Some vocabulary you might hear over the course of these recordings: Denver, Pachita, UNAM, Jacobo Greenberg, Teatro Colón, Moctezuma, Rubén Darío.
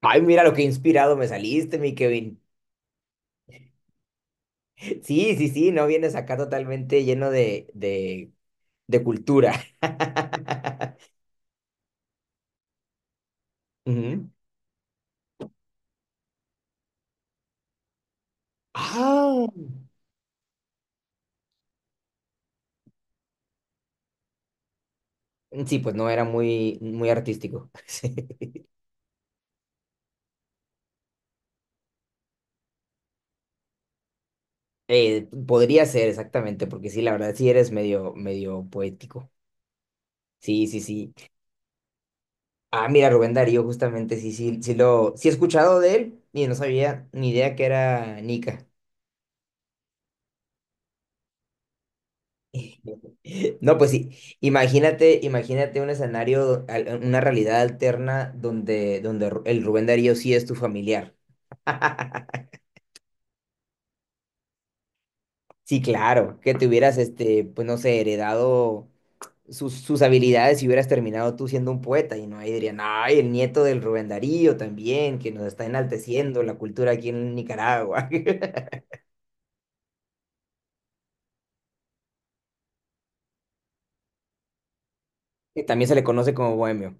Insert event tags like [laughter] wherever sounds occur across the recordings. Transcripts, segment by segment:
Ay, mira lo que inspirado me saliste, mi Kevin. Sí, sí, sí, no vienes acá totalmente lleno de cultura. [laughs] Ujú. Ah, sí, pues no era muy, muy artístico. [laughs] Sí. Podría ser exactamente, porque sí, la verdad sí eres medio, medio poético. Sí, sí, sí. Ah, mira, Rubén Darío, justamente, sí, sí, sí he escuchado de él y no sabía ni idea que era Nica. [laughs] No, pues sí, imagínate un escenario, una realidad alterna donde el Rubén Darío sí es tu familiar. [laughs] Sí, claro, que te hubieras, pues no sé, heredado sus habilidades y hubieras terminado tú siendo un poeta y no ahí dirían, ay, el nieto del Rubén Darío también, que nos está enalteciendo la cultura aquí en Nicaragua, [laughs] que también se le conoce como bohemio.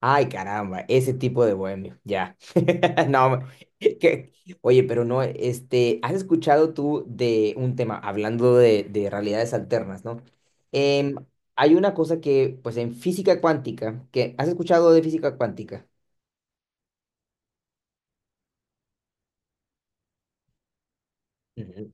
Ay, caramba, ese tipo de bohemio, ya. [laughs] No, que- oye, pero no, ¿has escuchado tú de un tema, hablando de realidades alternas, ¿no? Em, Hay una cosa que, pues en física cuántica, que, ¿has escuchado de física cuántica? Ujú.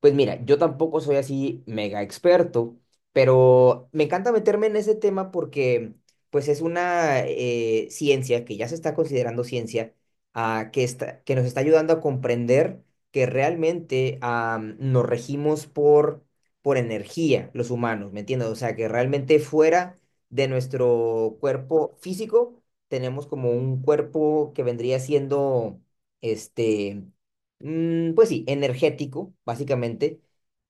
Pues mira, yo tampoco soy así mega experto, pero me encanta meterme en ese tema porque pues es una ciencia que ya se está considerando ciencia, que nos está ayudando a comprender que realmente nos regimos por energía los humanos, ¿me entiendes? O sea, que realmente fuera de nuestro cuerpo físico tenemos como un cuerpo que vendría siendo este pues sí, energético, básicamente,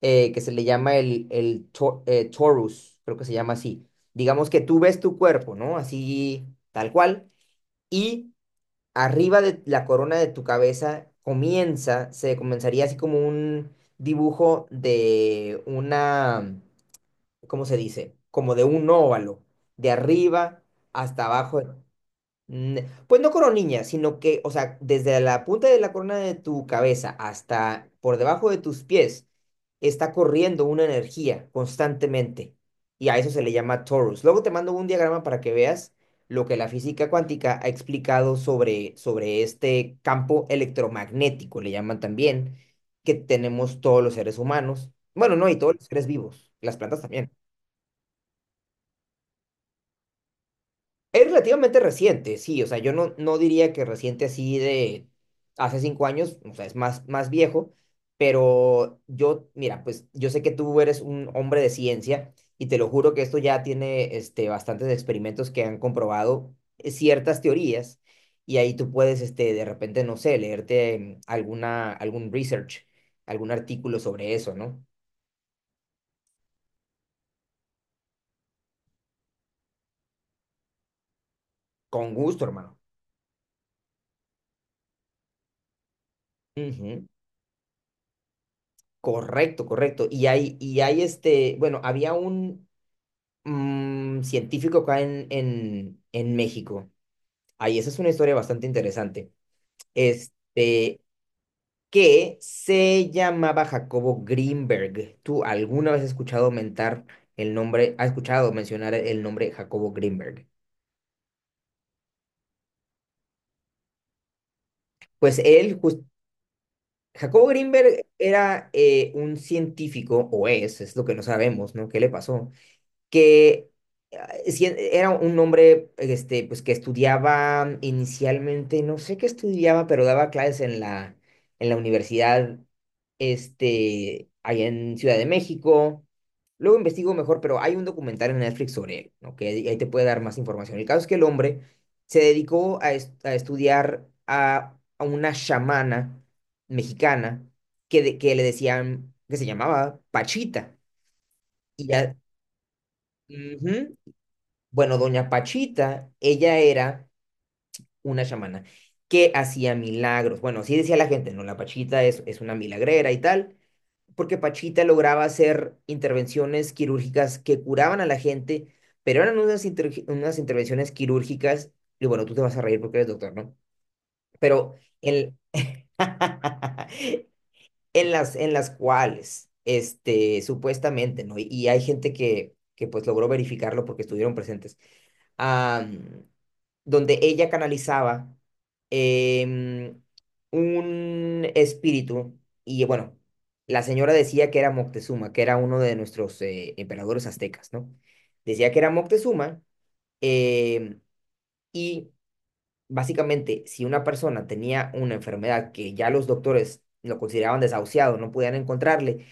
que se le llama el torus, creo que se llama así. Digamos que tú ves tu cuerpo, ¿no? Así, tal cual, y arriba de la corona de tu cabeza comienza, se comenzaría así como un dibujo de una, ¿cómo se dice? Como de un óvalo, de arriba hasta abajo. Mm, Pues no coronilla, sino que, o sea, desde la punta de la corona de tu cabeza hasta por debajo de tus pies, está corriendo una energía constantemente. Y a eso se le llama torus. Luego te mando un diagrama para que veas lo que la física cuántica ha explicado sobre este campo electromagnético, le llaman también, que tenemos todos los seres humanos. Bueno, no, y todos los seres vivos, las plantas también. Es relativamente reciente, sí, o sea, yo no diría que reciente así de hace 5 años, o sea, es más, más viejo, pero yo, mira, pues yo sé que tú eres un hombre de ciencia y te lo juro que esto ya tiene bastantes experimentos que han comprobado ciertas teorías y ahí tú puedes, de repente, no sé, leerte algún research, algún artículo sobre eso, ¿no? Con gusto, hermano. Ujú, correcto, correcto. Y hay bueno, había un científico acá en México. Ahí, esa es una historia bastante interesante. Este, que se llamaba Jacobo Greenberg. ¿Tú alguna vez has escuchado mentar el nombre, has escuchado mencionar el nombre Jacobo Greenberg? Pues él, Jacobo Greenberg era un científico, o es lo que no sabemos, ¿no? ¿Qué le pasó? Que sí, era un hombre pues, que estudiaba inicialmente, no sé qué estudiaba, pero daba clases en la universidad allá en Ciudad de México. Luego investigo mejor, pero hay un documental en Netflix sobre él, ¿no? Que ahí te puede dar más información. El caso es que el hombre se dedicó a estudiar a una chamana mexicana que le decían, que se llamaba Pachita. Y ya, ujú, bueno, doña Pachita, ella era una chamana que hacía milagros. Bueno, así decía la gente, no, la Pachita es una milagrera y tal, porque Pachita lograba hacer intervenciones quirúrgicas que curaban a la gente, pero eran unas intervenciones quirúrgicas, y bueno, tú te vas a reír porque eres doctor, ¿no? Pero en, [laughs] en las cuales, supuestamente, ¿no? Y hay gente que pues logró verificarlo porque estuvieron presentes ah, donde ella canalizaba em, un espíritu y bueno, la señora decía que era Moctezuma, que era uno de nuestros emperadores aztecas, ¿no? Decía que era Moctezuma em, y básicamente, si una persona tenía una enfermedad que ya los doctores lo consideraban desahuciado, no podían encontrarle,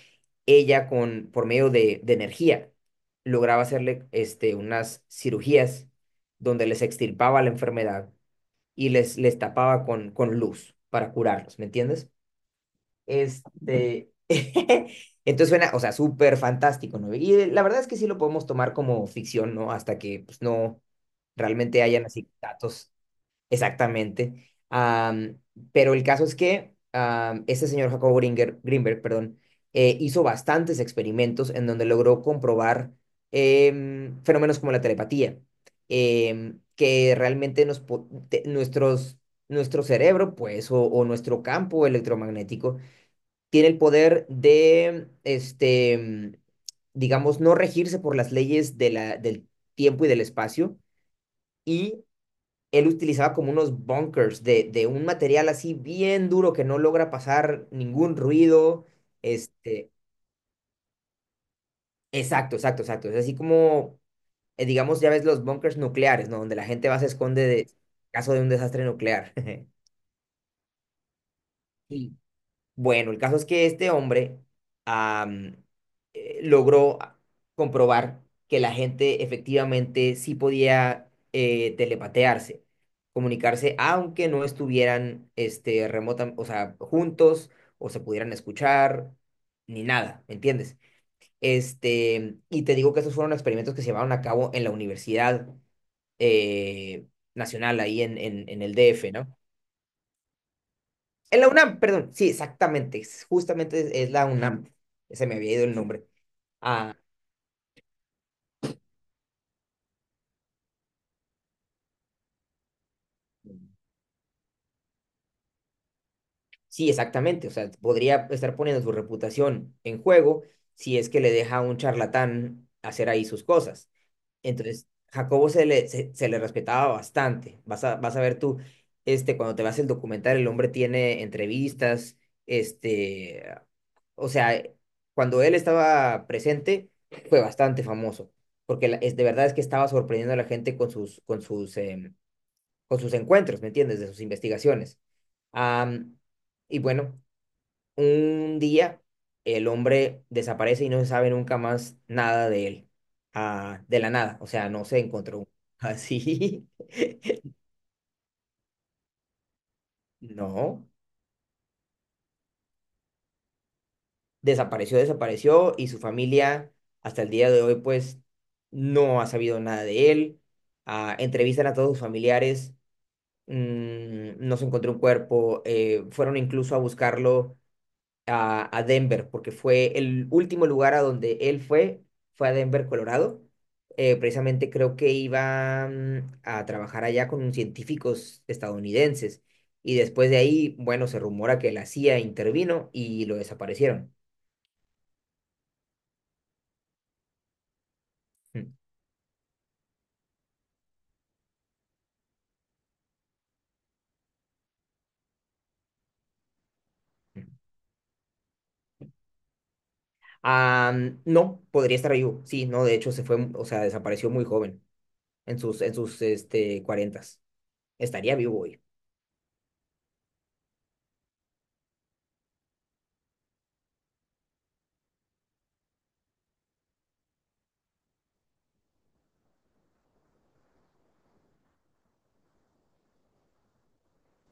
ella por medio de energía lograba hacerle unas cirugías donde les extirpaba la enfermedad y les tapaba con luz para curarlos, ¿me entiendes? Este, [laughs] entonces suena, o sea, súper fantástico, ¿no? Y la verdad es que sí lo podemos tomar como ficción, ¿no? Hasta que pues, no realmente hayan así datos. Exactamente. Pero el caso es que este señor Jacobo Greenberg, perdón, hizo bastantes experimentos en donde logró comprobar fenómenos como la telepatía, que realmente nos, po- te- nuestros, nuestro cerebro, pues, o nuestro campo electromagnético, tiene el poder de, digamos, no regirse por las leyes del tiempo y del espacio. Y él utilizaba como unos bunkers de un material así bien duro que no logra pasar ningún ruido. Este, exacto, exacto, exacto. Es así como, digamos, ya ves los bunkers nucleares, ¿no? Donde la gente va se esconde de en caso de un desastre nuclear. [laughs] Sí. Bueno, el caso es que este hombre am, logró comprobar que la gente efectivamente sí podía telepatearse, comunicarse, aunque no estuvieran o sea, juntos o se pudieran escuchar, ni nada, ¿me entiendes? Y te digo que esos fueron experimentos que se llevaron a cabo en la Universidad eh, Nacional, ahí en el DF, ¿no? En la UNAM, perdón, sí, exactamente, justamente es la UNAM, se me había ido el nombre. Ah, sí, exactamente, o sea, podría estar poniendo su reputación en juego si es que le deja a un charlatán hacer ahí sus cosas. Entonces, Jacobo se le respetaba bastante. Vas a ver tú, cuando te vas el documental, el hombre tiene entrevistas, este, o sea, cuando él estaba presente, fue bastante famoso, porque de verdad es que estaba sorprendiendo a la gente con sus encuentros, ¿me entiendes? De sus investigaciones. Am, y bueno, un día el hombre desaparece y no se sabe nunca más nada de él, de la nada, o sea, no se encontró [laughs] así, no. Desapareció, desapareció y su familia hasta el día de hoy pues no ha sabido nada de él. Ah, entrevistan a todos sus familiares, no se encontró un cuerpo, fueron incluso a buscarlo a Denver porque fue el último lugar a donde él fue a Denver, Colorado. Precisamente creo que iba a trabajar allá con unos científicos estadounidenses y después de ahí, bueno, se rumora que la CIA intervino y lo desaparecieron. Mm. Mm. Ah, no, podría estar vivo. Sí, no, de hecho se fue, o sea, desapareció muy joven, en sus cuarentas. Estaría vivo hoy.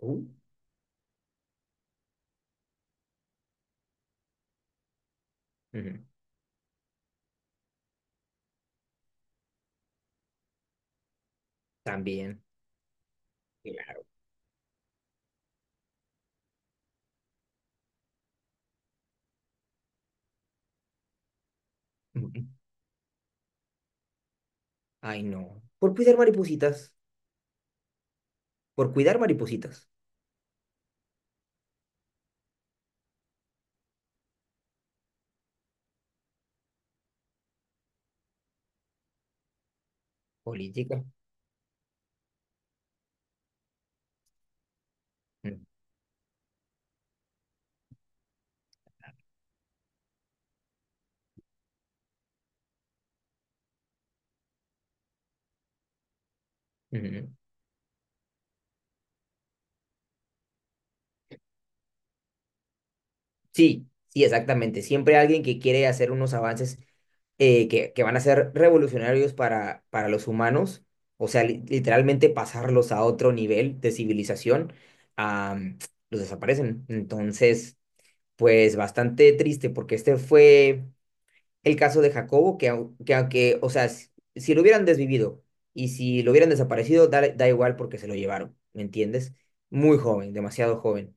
Uh, Ujú, también, claro. Ujú. Ay, no. Por cuidar maripositas. Por cuidar maripositas. Política. Mm, ujú, sí, sí, exactamente. Siempre alguien que quiere hacer unos avances que van a ser revolucionarios para los humanos, o sea, literalmente pasarlos a otro nivel de civilización, am, los desaparecen. Entonces, pues bastante triste porque este fue el caso de Jacobo, que aunque, o sea, si lo hubieran desvivido y si lo hubieran desaparecido, da igual porque se lo llevaron, ¿me entiendes? Muy joven, demasiado joven.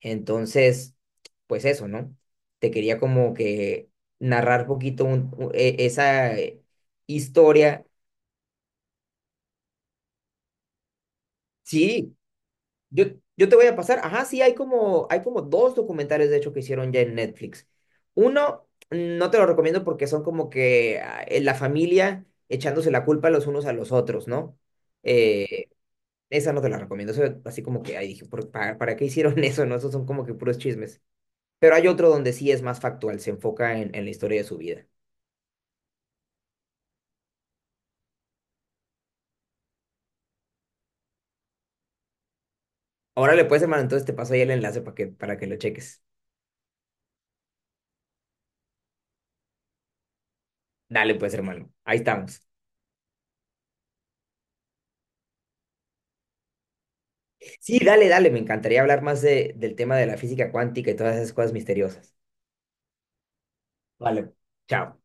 Entonces, pues eso, ¿no? Te quería como que narrar poquito esa historia. Sí, Yo, yo te voy a pasar, ajá, sí, hay como dos documentales de hecho que hicieron ya en Netflix. Uno, no te lo recomiendo porque son como que la familia echándose la culpa los unos a los otros, ¿no? Eh, Esa no te la recomiendo, eso, así como que, ahí dije, "¿para qué hicieron [laughs] eso, no? Esos son como que puros chismes. Pero hay otro donde sí es más factual, se enfoca en la historia de su vida. Ahora le puedes, hermano, entonces te paso ahí el enlace para que lo cheques. Dale, pues, hermano, ahí estamos. Sí, dale, dale, me encantaría hablar más del tema de la física cuántica y todas esas cosas misteriosas. Vale, chao.